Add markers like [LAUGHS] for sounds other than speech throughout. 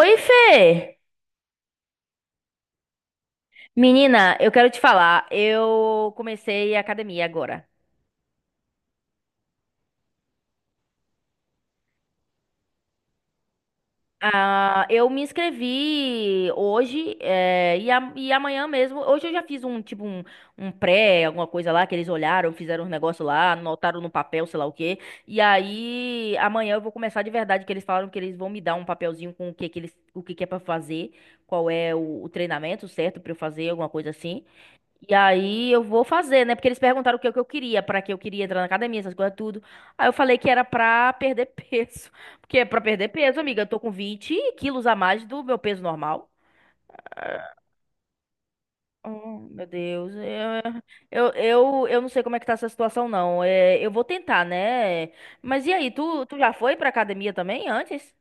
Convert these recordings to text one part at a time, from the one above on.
Oi, Fê! Menina, eu quero te falar, eu comecei a academia agora. Ah, eu me inscrevi hoje, e amanhã mesmo. Hoje eu já fiz um tipo um pré, alguma coisa lá, que eles olharam, fizeram um negócio lá, anotaram no papel, sei lá o quê. E aí amanhã eu vou começar de verdade, que eles falaram que eles vão me dar um papelzinho com o que, que eles, o que, que é pra fazer, qual é o treinamento certo pra eu fazer, alguma coisa assim. E aí eu vou fazer, né? Porque eles perguntaram o que eu queria, pra que eu queria entrar na academia, essas coisas tudo. Aí eu falei que era pra perder peso. [LAUGHS] Porque é pra perder peso, amiga. Eu tô com 20 quilos a mais do meu peso normal. Oh, meu Deus. Eu não sei como é que tá essa situação, não. É, eu vou tentar, né? Mas e aí, tu já foi pra academia também antes?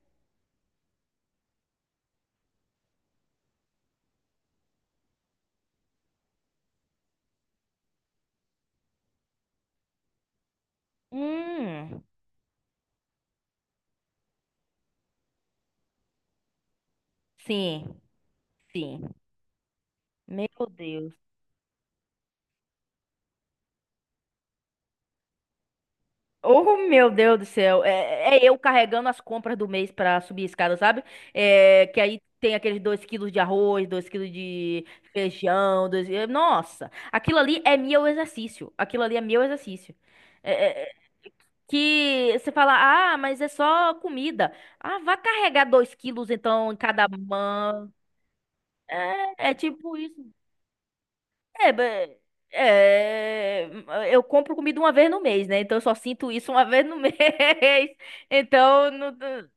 Hum, sim, sim. Meu Deus. Oh, meu Deus do céu. É, eu carregando as compras do mês pra subir a escada, sabe? É, que aí tem aqueles 2 quilos de arroz, 2 quilos de feijão. Nossa, aquilo ali é meu exercício. Aquilo ali é meu exercício. É, é, é, que você fala, ah, mas é só comida. Ah, vá carregar 2 quilos então em cada mão. É, é tipo isso. É, be- é, eu compro comida uma vez no mês, né? Então eu só sinto isso uma vez no [LAUGHS] mês. Então, não, não-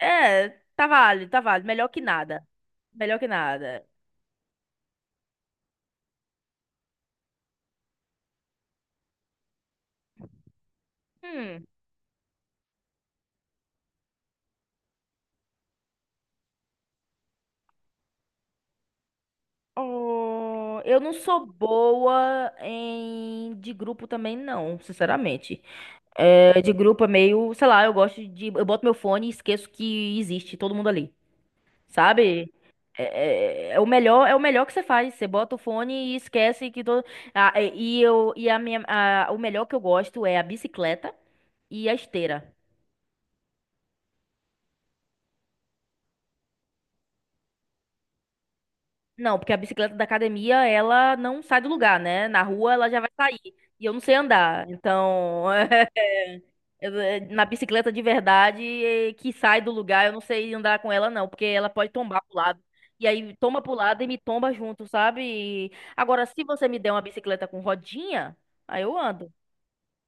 é, tá válido, tá válido. Melhor que nada. Melhor que nada. Hum. Oh, eu não sou boa em de grupo também, não, sinceramente. É, de grupo é meio, sei lá, eu gosto de. Eu boto meu fone e esqueço que existe todo mundo ali. Sabe? É o melhor, é o melhor que você faz. Você bota o fone e esquece que todo. Ah, e eu e a minha, a- O melhor que eu gosto é a bicicleta e a esteira. Não, porque a bicicleta da academia, ela não sai do lugar, né? Na rua ela já vai sair. E eu não sei andar. Então, [LAUGHS] na bicicleta de verdade, que sai do lugar, eu não sei andar com ela, não, porque ela pode tombar pro lado. E aí toma pro lado e me tomba junto, sabe? Agora, se você me der uma bicicleta com rodinha, aí eu ando,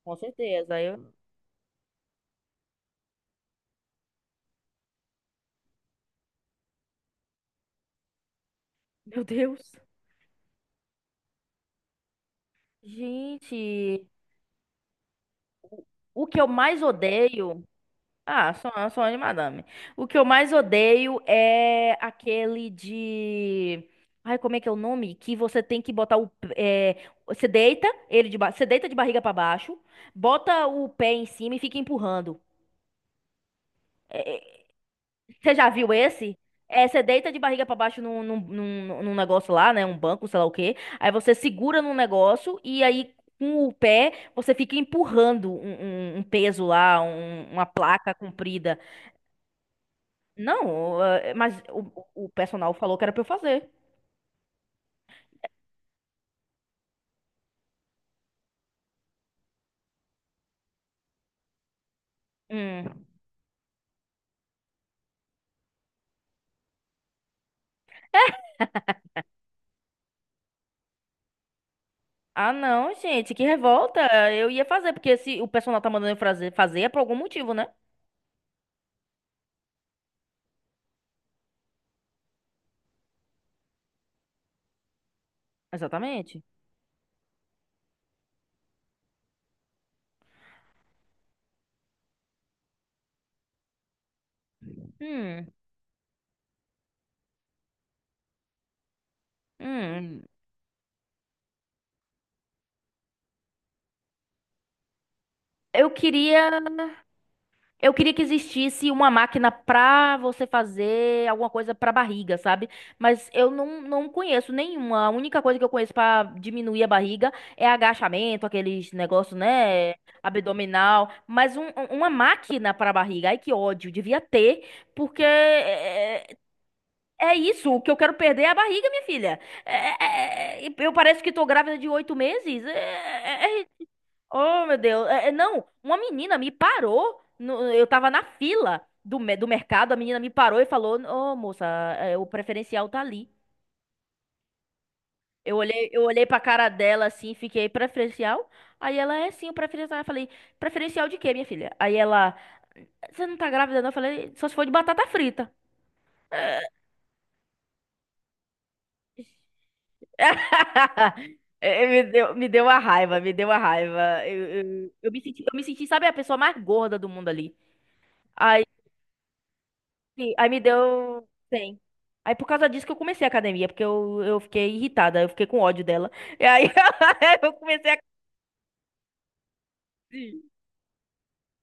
com certeza. Aí eu... [LAUGHS] Meu Deus. Gente, o o que eu mais odeio. Ah, sou, eu sou de madame. O que eu mais odeio é aquele de. Ai, como é que é o nome? Que você tem que botar o. É... Você deita ele de ba... você deita de barriga pra baixo, bota o pé em cima e fica empurrando. É, é, Você já viu esse? É, você deita de barriga pra baixo num negócio lá, né? Um banco, sei lá o quê. Aí você segura num negócio e aí com o pé você fica empurrando um peso lá, uma placa comprida. Não, mas o personal falou que era pra eu fazer. Hum. Ah, não, gente, que revolta. Eu ia fazer, porque se o personal tá mandando eu fazer, fazer é por algum motivo, né? Exatamente. Hum, hum. Eu queria. Eu queria que existisse uma máquina pra você fazer alguma coisa pra barriga, sabe? Mas eu não conheço nenhuma. A única coisa que eu conheço pra diminuir a barriga é agachamento, aqueles negócios, né? Abdominal. Mas uma máquina pra barriga, ai que ódio, devia ter, porque é isso. O que eu quero perder é a barriga, minha filha. Eu pareço que tô grávida de 8 meses. Oh, meu Deus. Não, uma menina me parou. Eu tava na fila do, do mercado, a menina me parou e falou: Ô, moça, é, o preferencial tá ali. Eu olhei pra cara dela assim, fiquei preferencial. Aí ela é sim, o preferencial. Eu falei: preferencial de quê, minha filha? Aí ela: você não tá grávida, não? Eu falei: só se for de batata frita. [LAUGHS] Me deu uma raiva, me deu uma raiva. Eu me senti, eu me senti, sabe, a pessoa mais gorda do mundo ali. Sim, aí me deu 100. Aí por causa disso que eu comecei a academia, porque eu fiquei irritada, eu fiquei com ódio dela. E aí [LAUGHS] eu comecei a. Sim,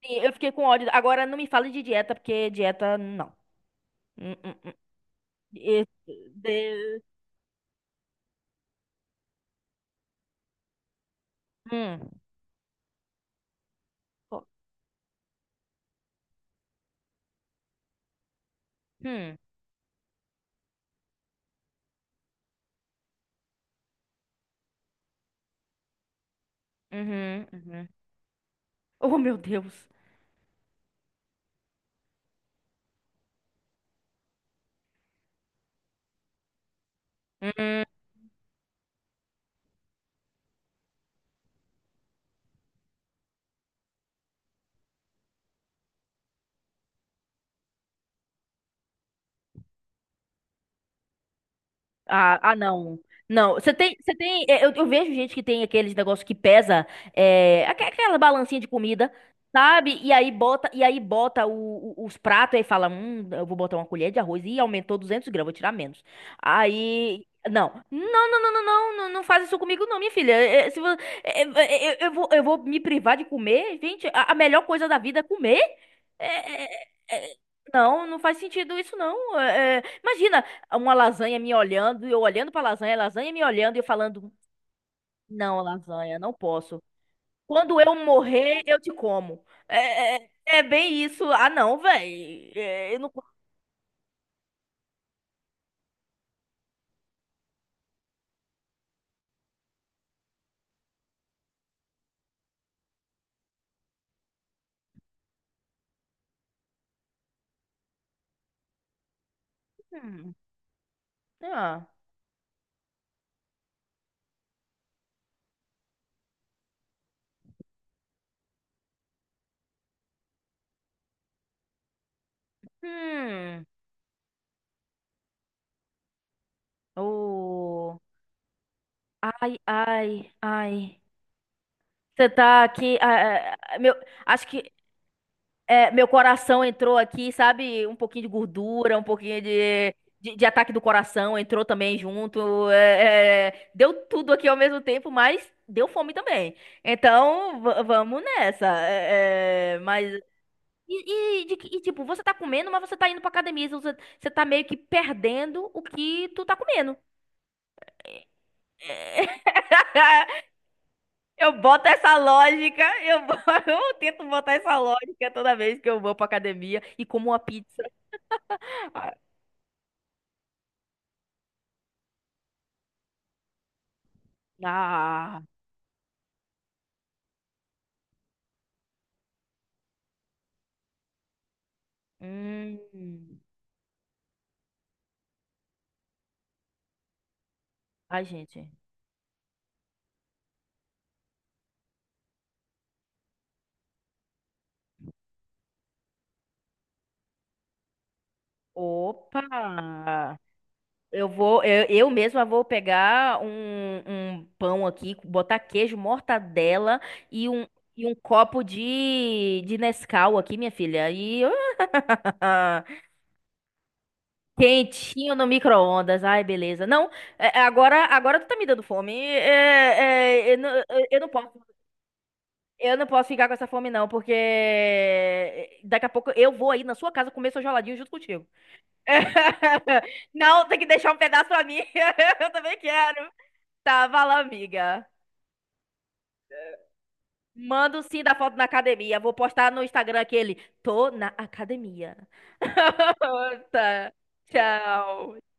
eu fiquei com ódio. Agora não me fale de dieta, porque dieta, não. Hum, hum, hum. E- de- hum, hum, uhum, uhum. Oh, meu Deus. Hum, hum. Ah, ah, não. Não, você tem, é, eu vejo gente que tem aqueles negócios que pesa, é, aquela balancinha de comida, sabe? E aí bota os pratos e fala, eu vou botar uma colher de arroz e aumentou 200 gramas, vou tirar menos. Aí, não, não, não, não, não, não, não, não faz isso comigo não, minha filha. É, é, se vo- é, é, é, eu vou me privar de comer, gente, a melhor coisa da vida é comer. É, é, é, é, não, não faz sentido isso não. Imagina uma lasanha me olhando, e eu olhando pra lasanha, a lasanha me olhando e eu falando, não, lasanha, não posso. Quando eu morrer, eu te como. É bem isso. Ah, não, velho. Eu não. Hum. Ah. Hum. Oh. Ai, ai, ai. Você tá aqui. Ah, ah, ah, meu, acho que é, meu coração entrou aqui, sabe? Um pouquinho de gordura, um pouquinho de ataque do coração entrou também junto. Deu tudo aqui ao mesmo tempo, mas deu fome também. Então, vamos nessa. Tipo, você tá comendo, mas você tá indo pra academia. Então você tá meio que perdendo o que tu tá comendo. [LAUGHS] Eu boto essa lógica, [LAUGHS] eu tento botar essa lógica toda vez que eu vou pra academia e como uma pizza. Ah, hum. Ai, gente. Opa! Eu mesma vou pegar um, um pão aqui, botar queijo, mortadela e um, e um copo de Nescau aqui, minha filha. E [LAUGHS] ah, quentinho no micro-ondas. Ai, beleza. Não, é agora, agora tu tá me dando fome. Eu não posso, eu não posso ficar com essa fome, não, porque é, daqui a pouco eu vou aí na sua casa comer seu geladinho junto contigo. [LAUGHS] Não, tem que deixar um pedaço pra mim. [LAUGHS] Eu também quero. Tá, vai lá, amiga. Manda o sim da foto na academia. Vou postar no Instagram aquele. Tô na academia. [LAUGHS] Tá. Tchau.